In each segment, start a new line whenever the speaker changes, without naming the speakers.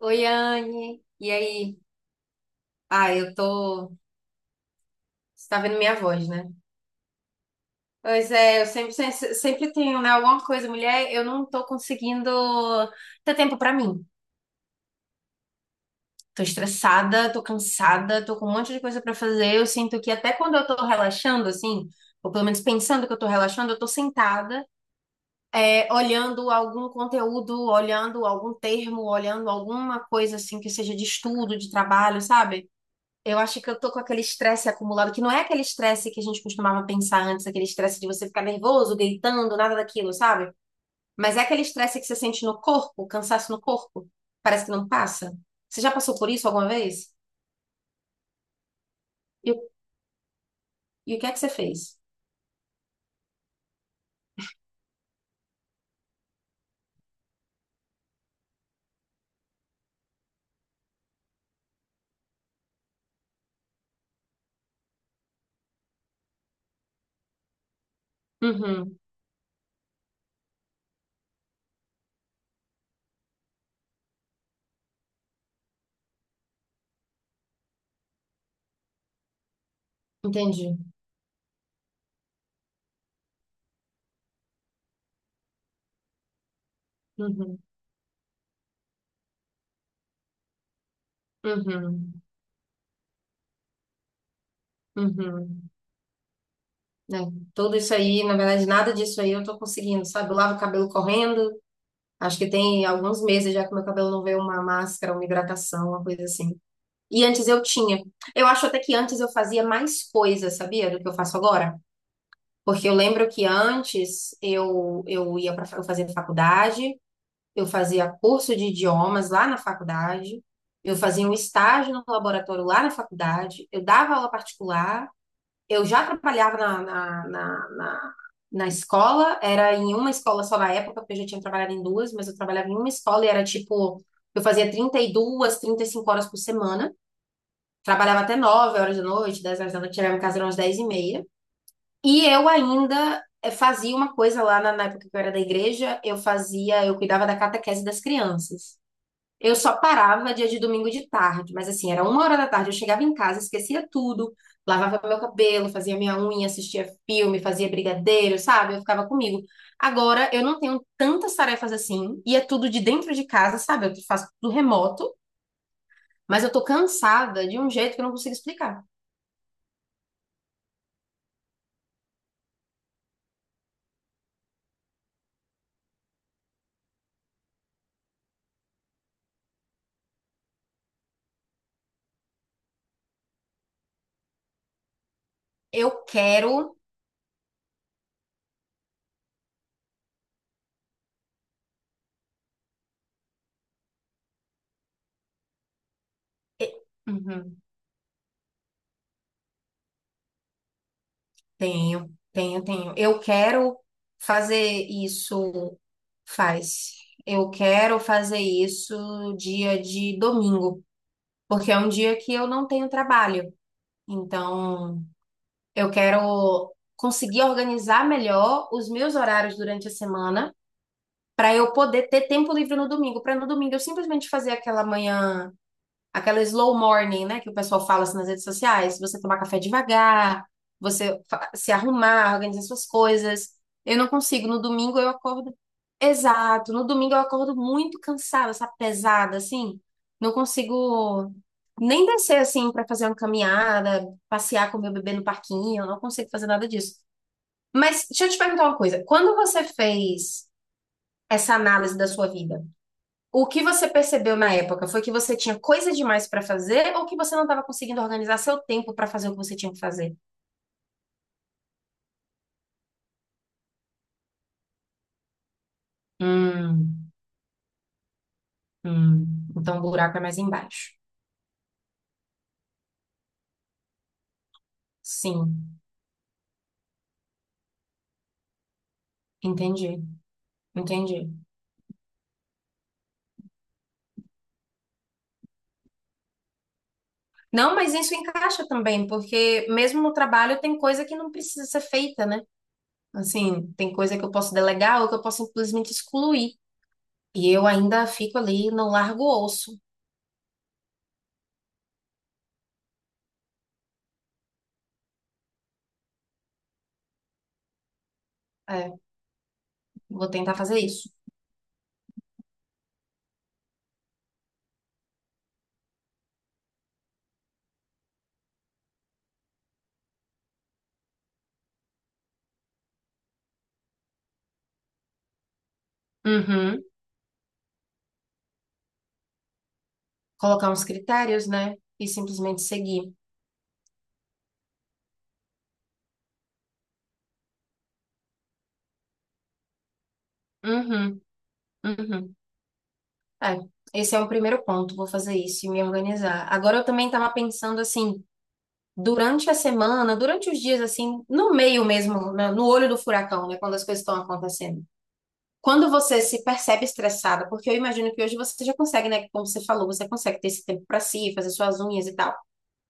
Oi, Anne. E aí? Ah, eu tô. Você tá vendo minha voz, né? Pois é, eu sempre, sempre, sempre tenho, né, alguma coisa, mulher. Eu não tô conseguindo ter tempo pra mim. Tô estressada, tô cansada, tô com um monte de coisa pra fazer. Eu sinto que até quando eu tô relaxando, assim, ou pelo menos pensando que eu tô relaxando, eu tô sentada, é, olhando algum conteúdo, olhando algum termo, olhando alguma coisa, assim, que seja de estudo, de trabalho, sabe? Eu acho que eu tô com aquele estresse acumulado, que não é aquele estresse que a gente costumava pensar antes, aquele estresse de você ficar nervoso, gritando, nada daquilo, sabe? Mas é aquele estresse que você sente no corpo, cansaço no corpo, parece que não passa. Você já passou por isso alguma vez? E, o- e o que é que você fez? Uhum, entendi. Uhum, uhum, uhum. É, tudo isso aí, na verdade, nada disso aí eu tô conseguindo, sabe? Eu lavo o cabelo correndo, acho que tem alguns meses já que meu cabelo não vê uma máscara, uma hidratação, uma coisa assim. E antes eu tinha. Eu acho até que antes eu fazia mais coisas, sabia, do que eu faço agora? Porque eu lembro que antes eu ia para eu fazia faculdade, eu fazia curso de idiomas lá na faculdade, eu fazia um estágio no laboratório lá na faculdade, eu dava aula particular, eu já trabalhava na escola, era em uma escola só na época, porque eu já tinha trabalhado em duas, mas eu trabalhava em uma escola e era tipo, eu fazia 30 32 35 horas por semana. Trabalhava até 9 horas da noite, 10 horas da noite, chegava em casa umas 10 e meia. E eu ainda fazia uma coisa lá na época que eu era da igreja, eu cuidava da catequese das crianças. Eu só parava dia de domingo de tarde, mas assim, era 1 hora da tarde, eu chegava em casa, esquecia tudo, lavava meu cabelo, fazia minha unha, assistia filme, fazia brigadeiro, sabe? Eu ficava comigo. Agora eu não tenho tantas tarefas assim, e é tudo de dentro de casa, sabe? Eu faço tudo remoto, mas eu tô cansada de um jeito que eu não consigo explicar. Eu quero. e- Uhum, tenho, tenho, tenho. Eu quero fazer isso. Faz. Eu quero fazer isso dia de domingo, porque é um dia que eu não tenho trabalho. Então, eu quero conseguir organizar melhor os meus horários durante a semana para eu poder ter tempo livre no domingo, para no domingo eu simplesmente fazer aquela slow morning, né, que o pessoal fala assim nas redes sociais, você tomar café devagar, se arrumar, organizar suas coisas. Eu não consigo. No domingo eu acordo Exato, no domingo eu acordo muito cansada, sabe, pesada assim. Não consigo nem descer assim para fazer uma caminhada, passear com meu bebê no parquinho, eu não consigo fazer nada disso. Mas deixa eu te perguntar uma coisa, quando você fez essa análise da sua vida, o que você percebeu na época foi que você tinha coisa demais para fazer ou que você não estava conseguindo organizar seu tempo para fazer o que você tinha que fazer? Hum, hum. Então o buraco é mais embaixo. Sim, entendi, entendi. Não, mas isso encaixa também, porque mesmo no trabalho tem coisa que não precisa ser feita, né? Assim, tem coisa que eu posso delegar ou que eu posso simplesmente excluir. E eu ainda fico ali, não largo o osso. É, vou tentar fazer isso. Uhum. Colocar uns critérios, né? E simplesmente seguir. Uhum, uhum. É, esse é um primeiro ponto, vou fazer isso e me organizar. Agora eu também estava pensando assim, durante a semana, durante os dias assim, no meio mesmo, no olho do furacão, né, quando as coisas estão acontecendo. Quando você se percebe estressada, porque eu imagino que hoje você já consegue, né, como você falou, você consegue ter esse tempo para si, fazer suas unhas e tal.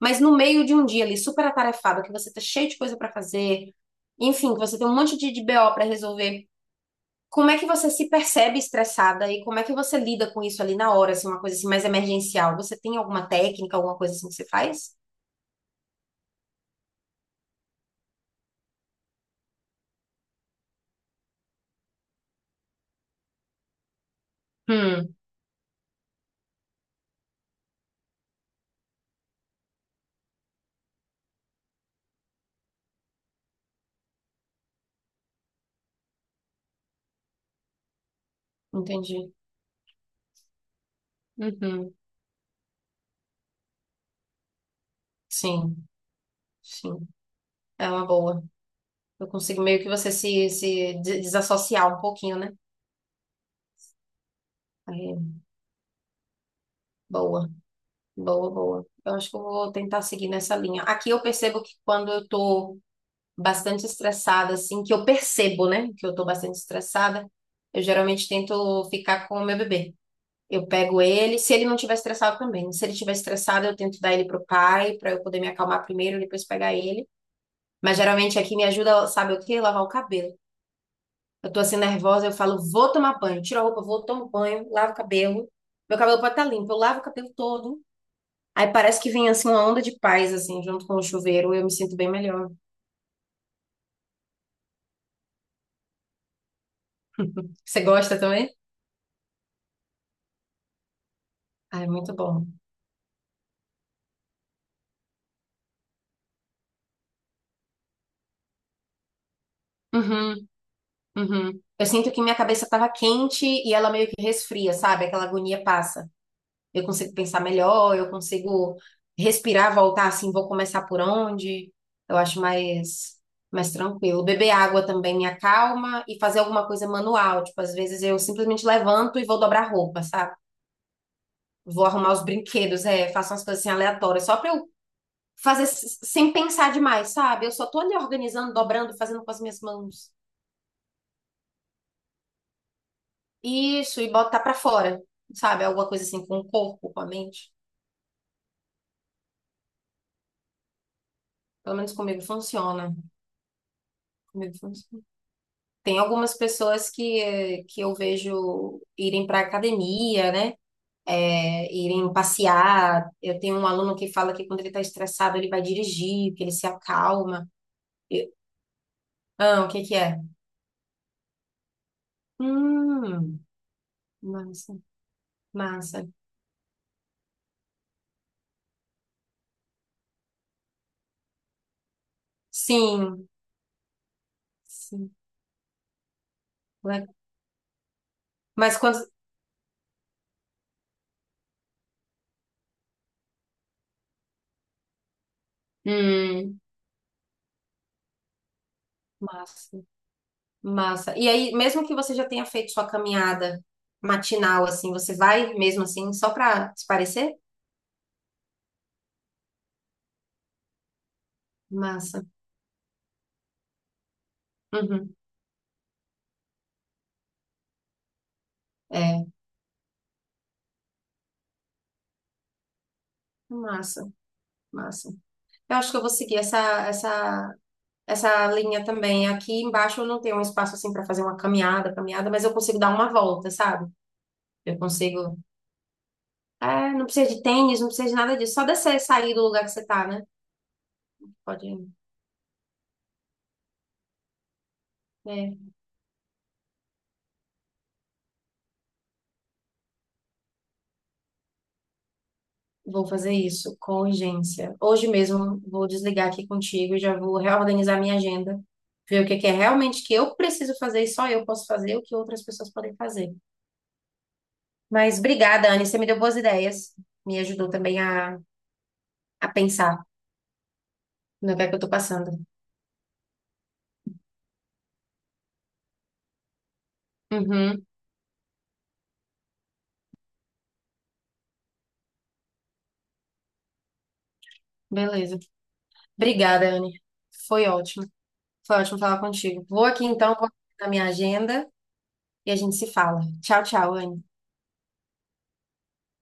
Mas no meio de um dia ali super atarefado, que você tá cheio de coisa para fazer, enfim, que você tem um monte de BO para resolver. Como é que você se percebe estressada e como é que você lida com isso ali na hora, assim, uma coisa assim mais emergencial? Você tem alguma técnica, alguma coisa assim que você faz? Hum, entendi. Uhum. Sim, sim. É uma boa. Eu consigo meio que você se desassociar um pouquinho, né? Aí, boa, boa, boa. Eu acho que eu vou tentar seguir nessa linha. Aqui eu percebo que quando eu tô bastante estressada, assim, que eu percebo, né, que eu tô bastante estressada, eu geralmente tento ficar com o meu bebê. Eu pego ele, se ele não estiver estressado também. Se ele estiver estressado, eu tento dar ele pro pai, pra eu poder me acalmar primeiro e depois pegar ele. Mas geralmente aqui me ajuda, sabe o quê? Lavar o cabelo. Eu tô assim nervosa, eu falo, vou tomar banho, tiro a roupa, vou, tomo banho, lavo o cabelo. Meu cabelo pode estar limpo, eu lavo o cabelo todo. Aí parece que vem assim uma onda de paz, assim, junto com o chuveiro, eu me sinto bem melhor. Você gosta também? Ah, é muito bom. Uhum, uhum. Eu sinto que minha cabeça tava quente e ela meio que resfria, sabe? Aquela agonia passa. Eu consigo pensar melhor, eu consigo respirar, voltar assim, vou começar por onde? Eu acho mais tranquilo. Beber água também me acalma e fazer alguma coisa manual, tipo, às vezes eu simplesmente levanto e vou dobrar roupa, sabe? Vou arrumar os brinquedos, é, faço umas coisas assim aleatórias, só pra eu fazer sem pensar demais, sabe? Eu só tô ali organizando, dobrando, fazendo com as minhas mãos. Isso, e botar pra fora, sabe? Alguma coisa assim com o corpo, com a mente. Pelo menos comigo funciona. Comigo funciona. Tem algumas pessoas que, que eu vejo irem para academia, né? É, irem passear. Eu tenho um aluno que fala que quando ele está estressado, ele vai dirigir, que ele se acalma. Eu- ah, o que que é? Hum, massa, massa. Sim, sim. Le- Mas quando. Hum, massa, massa. E aí, mesmo que você já tenha feito sua caminhada matinal, assim, você vai mesmo assim, só para se parecer? Massa. Uhum. É. Massa. Massa. Eu acho que eu vou seguir essa, essa, linha também. Aqui embaixo eu não tenho um espaço assim para fazer uma caminhada, caminhada, mas eu consigo dar uma volta, sabe? Eu consigo. É, não precisa de tênis, não precisa de nada disso. Só descer, sair do lugar que você tá, né? Pode. É, vou fazer isso com urgência. Hoje mesmo vou desligar aqui contigo, já vou reorganizar minha agenda, ver o que que é realmente que eu preciso fazer e só eu posso fazer, o que outras pessoas podem fazer. Mas obrigada, Anne, você me deu boas ideias, me ajudou também a pensar. No que é que eu tô passando. Uhum, beleza. Obrigada, Anne. Foi ótimo. Foi ótimo falar contigo. Vou aqui então, vou na minha agenda e a gente se fala. Tchau, tchau, Anne.